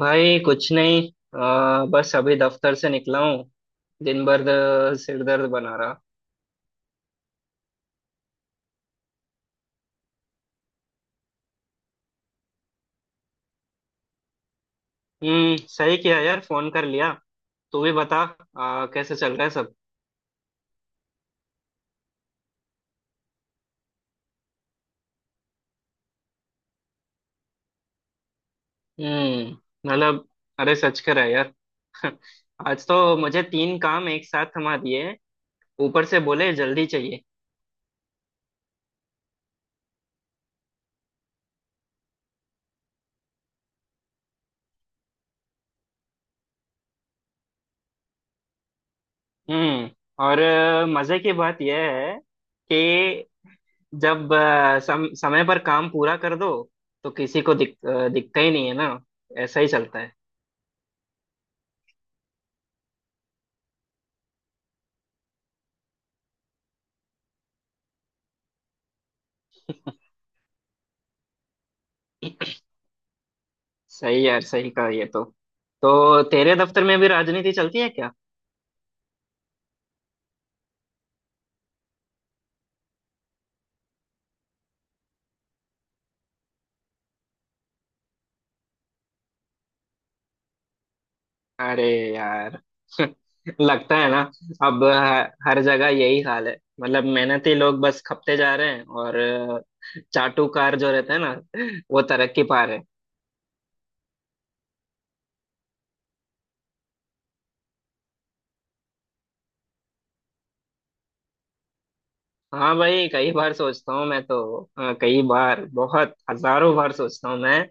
भाई कुछ नहीं। बस अभी दफ्तर से निकला हूँ। दिन भर सिर दर्द बना रहा। हम्म, सही किया यार फोन कर लिया। तू भी बता। कैसे चल रहा है सब? हम्म। मतलब, अरे सच कर रहा है यार। आज तो मुझे तीन काम एक साथ थमा दिए। ऊपर से बोले जल्दी चाहिए। हम्म। और मजे की बात यह है कि जब समय पर काम पूरा कर दो तो किसी को दिखता ही नहीं है ना। ऐसा ही चलता है। सही यार, सही कहा ये तो। तो तेरे दफ्तर में भी राजनीति चलती है क्या? अरे यार। लगता है ना अब हर जगह यही हाल है। मतलब मेहनती लोग बस खपते जा रहे हैं और चाटुकार जो रहते हैं ना, वो तरक्की पा रहे हैं। हाँ भाई, कई बार सोचता हूँ मैं तो। कई बार, बहुत हजारों बार सोचता हूँ मैं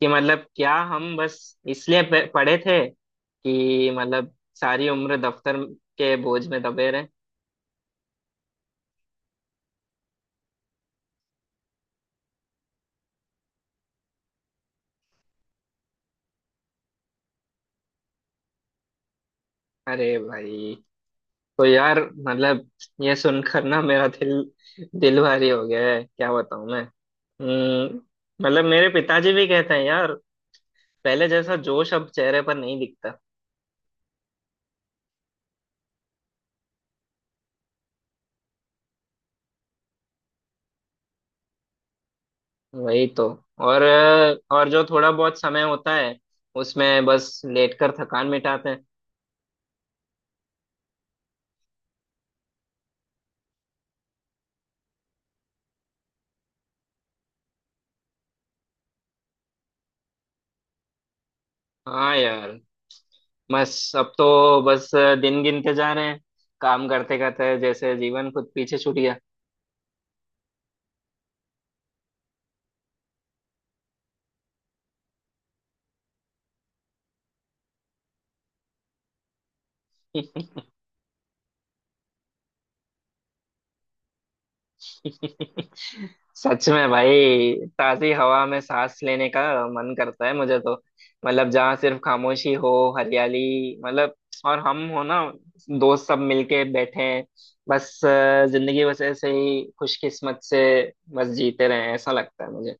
कि मतलब क्या हम बस इसलिए पढ़े थे कि मतलब सारी उम्र दफ्तर के बोझ में दबे रहे। अरे भाई, तो यार, मतलब ये सुनकर ना मेरा दिल दिल भारी हो गया है। क्या बताऊं मैं? मतलब मेरे पिताजी भी कहते हैं यार, पहले जैसा जोश अब चेहरे पर नहीं दिखता। वही तो। और और जो थोड़ा बहुत समय होता है उसमें बस लेटकर थकान मिटाते हैं। हाँ यार, बस अब तो, बस, दिन गिनते जा रहे हैं। काम करते करते जैसे जीवन खुद पीछे छूट गया। सच में भाई, ताजी हवा में सांस लेने का मन करता है मुझे तो। मतलब जहाँ सिर्फ खामोशी हो, हरियाली, मतलब, और हम हो ना, दोस्त सब मिलके बैठे हैं। बस जिंदगी बस ऐसे ही खुशकिस्मत से बस जीते रहे, ऐसा लगता है मुझे।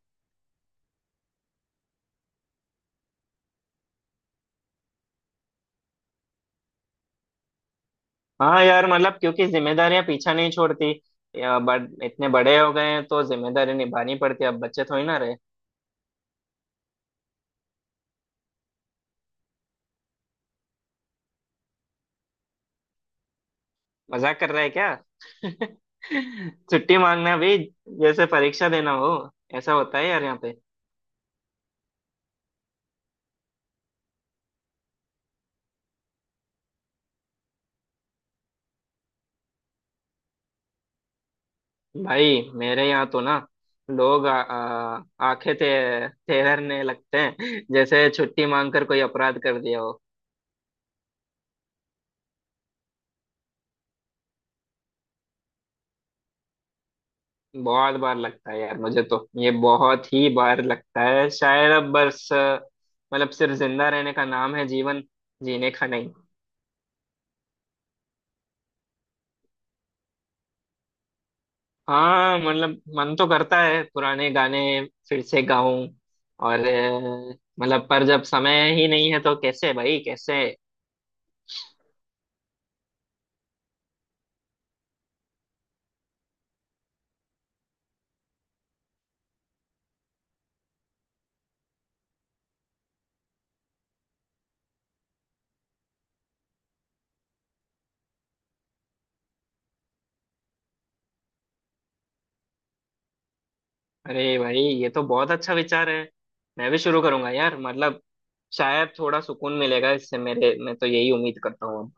हाँ यार, मतलब क्योंकि जिम्मेदारियां पीछा नहीं छोड़ती। या बड़ इतने बड़े हो गए हैं तो जिम्मेदारी निभानी पड़ती है, अब बच्चे थोड़ी ना रहे। मजाक कर रहे हैं क्या? छुट्टी मांगना भी जैसे परीक्षा देना हो ऐसा होता है यार यहाँ पे। भाई मेरे यहाँ तो ना, लोग आंखें ते तेरने लगते हैं जैसे छुट्टी मांगकर कोई अपराध कर दिया हो। बहुत बार लगता है यार मुझे तो, ये बहुत ही बार लगता है, शायद अब बस मतलब सिर्फ जिंदा रहने का नाम है जीवन, जीने का नहीं। हाँ मतलब मन तो करता है पुराने गाने फिर से गाऊं। और मतलब पर जब समय ही नहीं है तो कैसे भाई, कैसे? अरे भाई, ये तो बहुत अच्छा विचार है। मैं भी शुरू करूंगा यार। मतलब शायद थोड़ा सुकून मिलेगा इससे मेरे। मैं तो यही उम्मीद करता हूँ अब।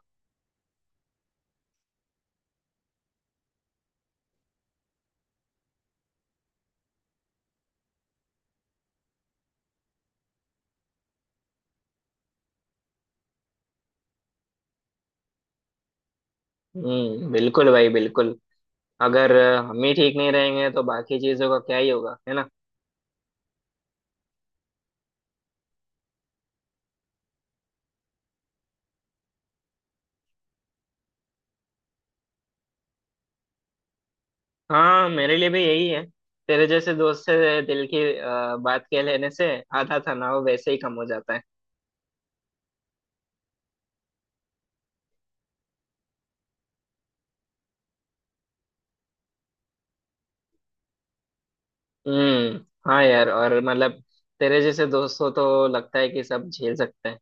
हम्म, बिल्कुल भाई, बिल्कुल। अगर हम ही ठीक नहीं रहेंगे तो बाकी चीजों का क्या ही होगा, है ना? हाँ, मेरे लिए भी यही है। तेरे जैसे दोस्त से दिल की बात कह लेने से आधा तनाव वैसे ही कम हो जाता है। हम्म। हाँ यार, और मतलब तेरे जैसे दोस्त हो तो लगता है कि सब झेल सकते हैं।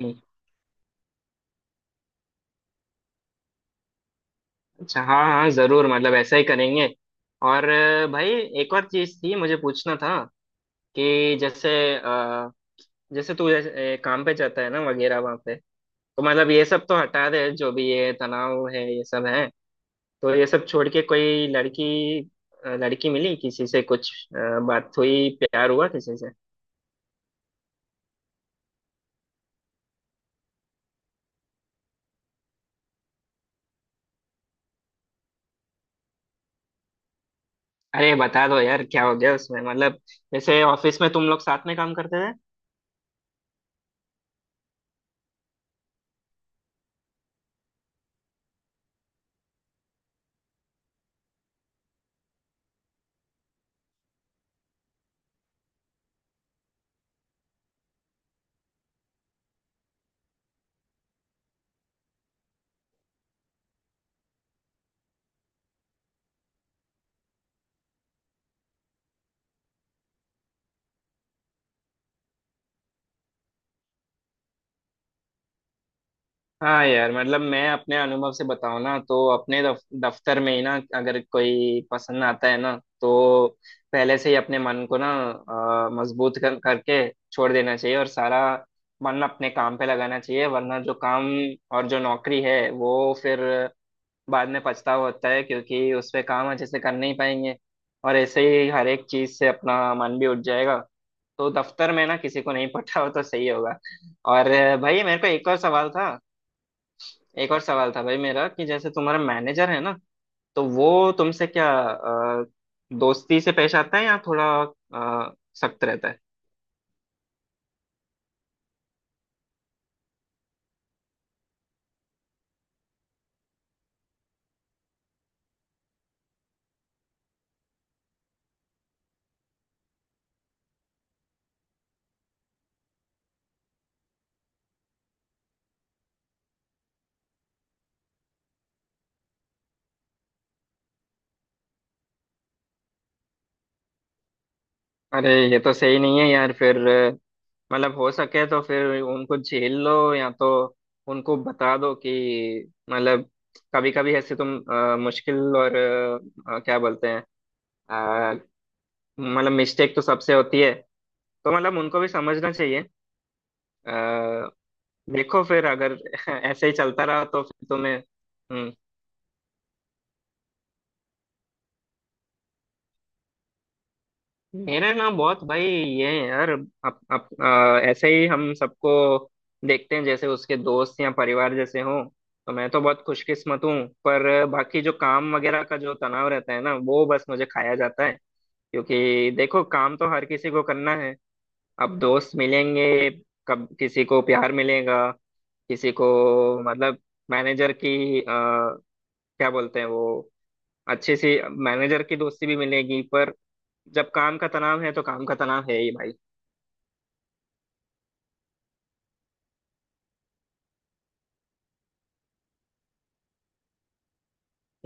हम्म, अच्छा, हाँ हाँ जरूर, मतलब ऐसा ही करेंगे। और भाई एक और चीज थी मुझे पूछना था कि जैसे, अ, जैसे तू काम पे जाता है ना वगैरह वहाँ पे, तो मतलब ये सब तो हटा दे जो भी ये तनाव है ये सब है, तो ये सब छोड़ के कोई लड़की, लड़की मिली किसी से, कुछ बात हुई, प्यार हुआ किसी से? अरे बता दो यार, क्या हो गया उसमें? मतलब जैसे ऑफिस में तुम लोग साथ में काम करते थे। हाँ यार, मतलब मैं अपने अनुभव से बताऊँ ना तो अपने दफ्तर में ही ना अगर कोई पसंद आता है ना, तो पहले से ही अपने मन को ना मजबूत करके छोड़ देना चाहिए, और सारा मन अपने काम पे लगाना चाहिए। वरना जो काम और जो नौकरी है वो, फिर बाद में पछतावा होता है क्योंकि उस पे काम अच्छे से कर नहीं पाएंगे, और ऐसे ही हर एक चीज से अपना मन भी उठ जाएगा। तो दफ्तर में ना किसी को नहीं पता हो तो सही होगा। और भाई मेरे को एक और सवाल था। एक और सवाल था भाई मेरा कि जैसे तुम्हारा मैनेजर है ना, तो वो तुमसे क्या, दोस्ती से पेश आता है या थोड़ा अ, सख्त रहता है? अरे ये तो सही नहीं है यार फिर। मतलब हो सके तो फिर उनको झेल लो, या तो उनको बता दो कि मतलब कभी कभी ऐसे तुम मुश्किल और क्या बोलते हैं, अ, मतलब मिस्टेक तो सबसे होती है, तो मतलब उनको भी समझना चाहिए। अ, देखो फिर अगर ऐसे ही चलता रहा तो फिर तुम्हें। मेरा नाम बहुत भाई ये है यार, अप, अप, आ, ऐसे ही हम सबको देखते हैं जैसे उसके दोस्त या परिवार जैसे हों, तो मैं तो बहुत खुशकिस्मत हूँ। पर बाकी जो काम वगैरह का जो तनाव रहता है ना, वो बस मुझे खाया जाता है। क्योंकि देखो, काम तो हर किसी को करना है। अब दोस्त मिलेंगे, कब किसी को प्यार मिलेगा, किसी को मतलब मैनेजर की क्या बोलते हैं वो, अच्छी सी मैनेजर की दोस्ती भी मिलेगी, पर जब काम का तनाव है तो काम का तनाव है ही भाई।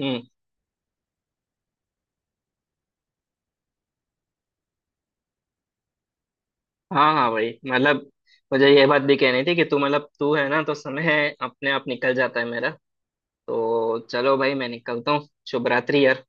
हम्म। हाँ हाँ भाई मतलब मुझे ये बात भी कहनी थी कि तू मतलब तू है ना तो समय अपने आप निकल जाता है मेरा। तो चलो भाई, मैं निकलता हूँ। शुभ रात्रि यार।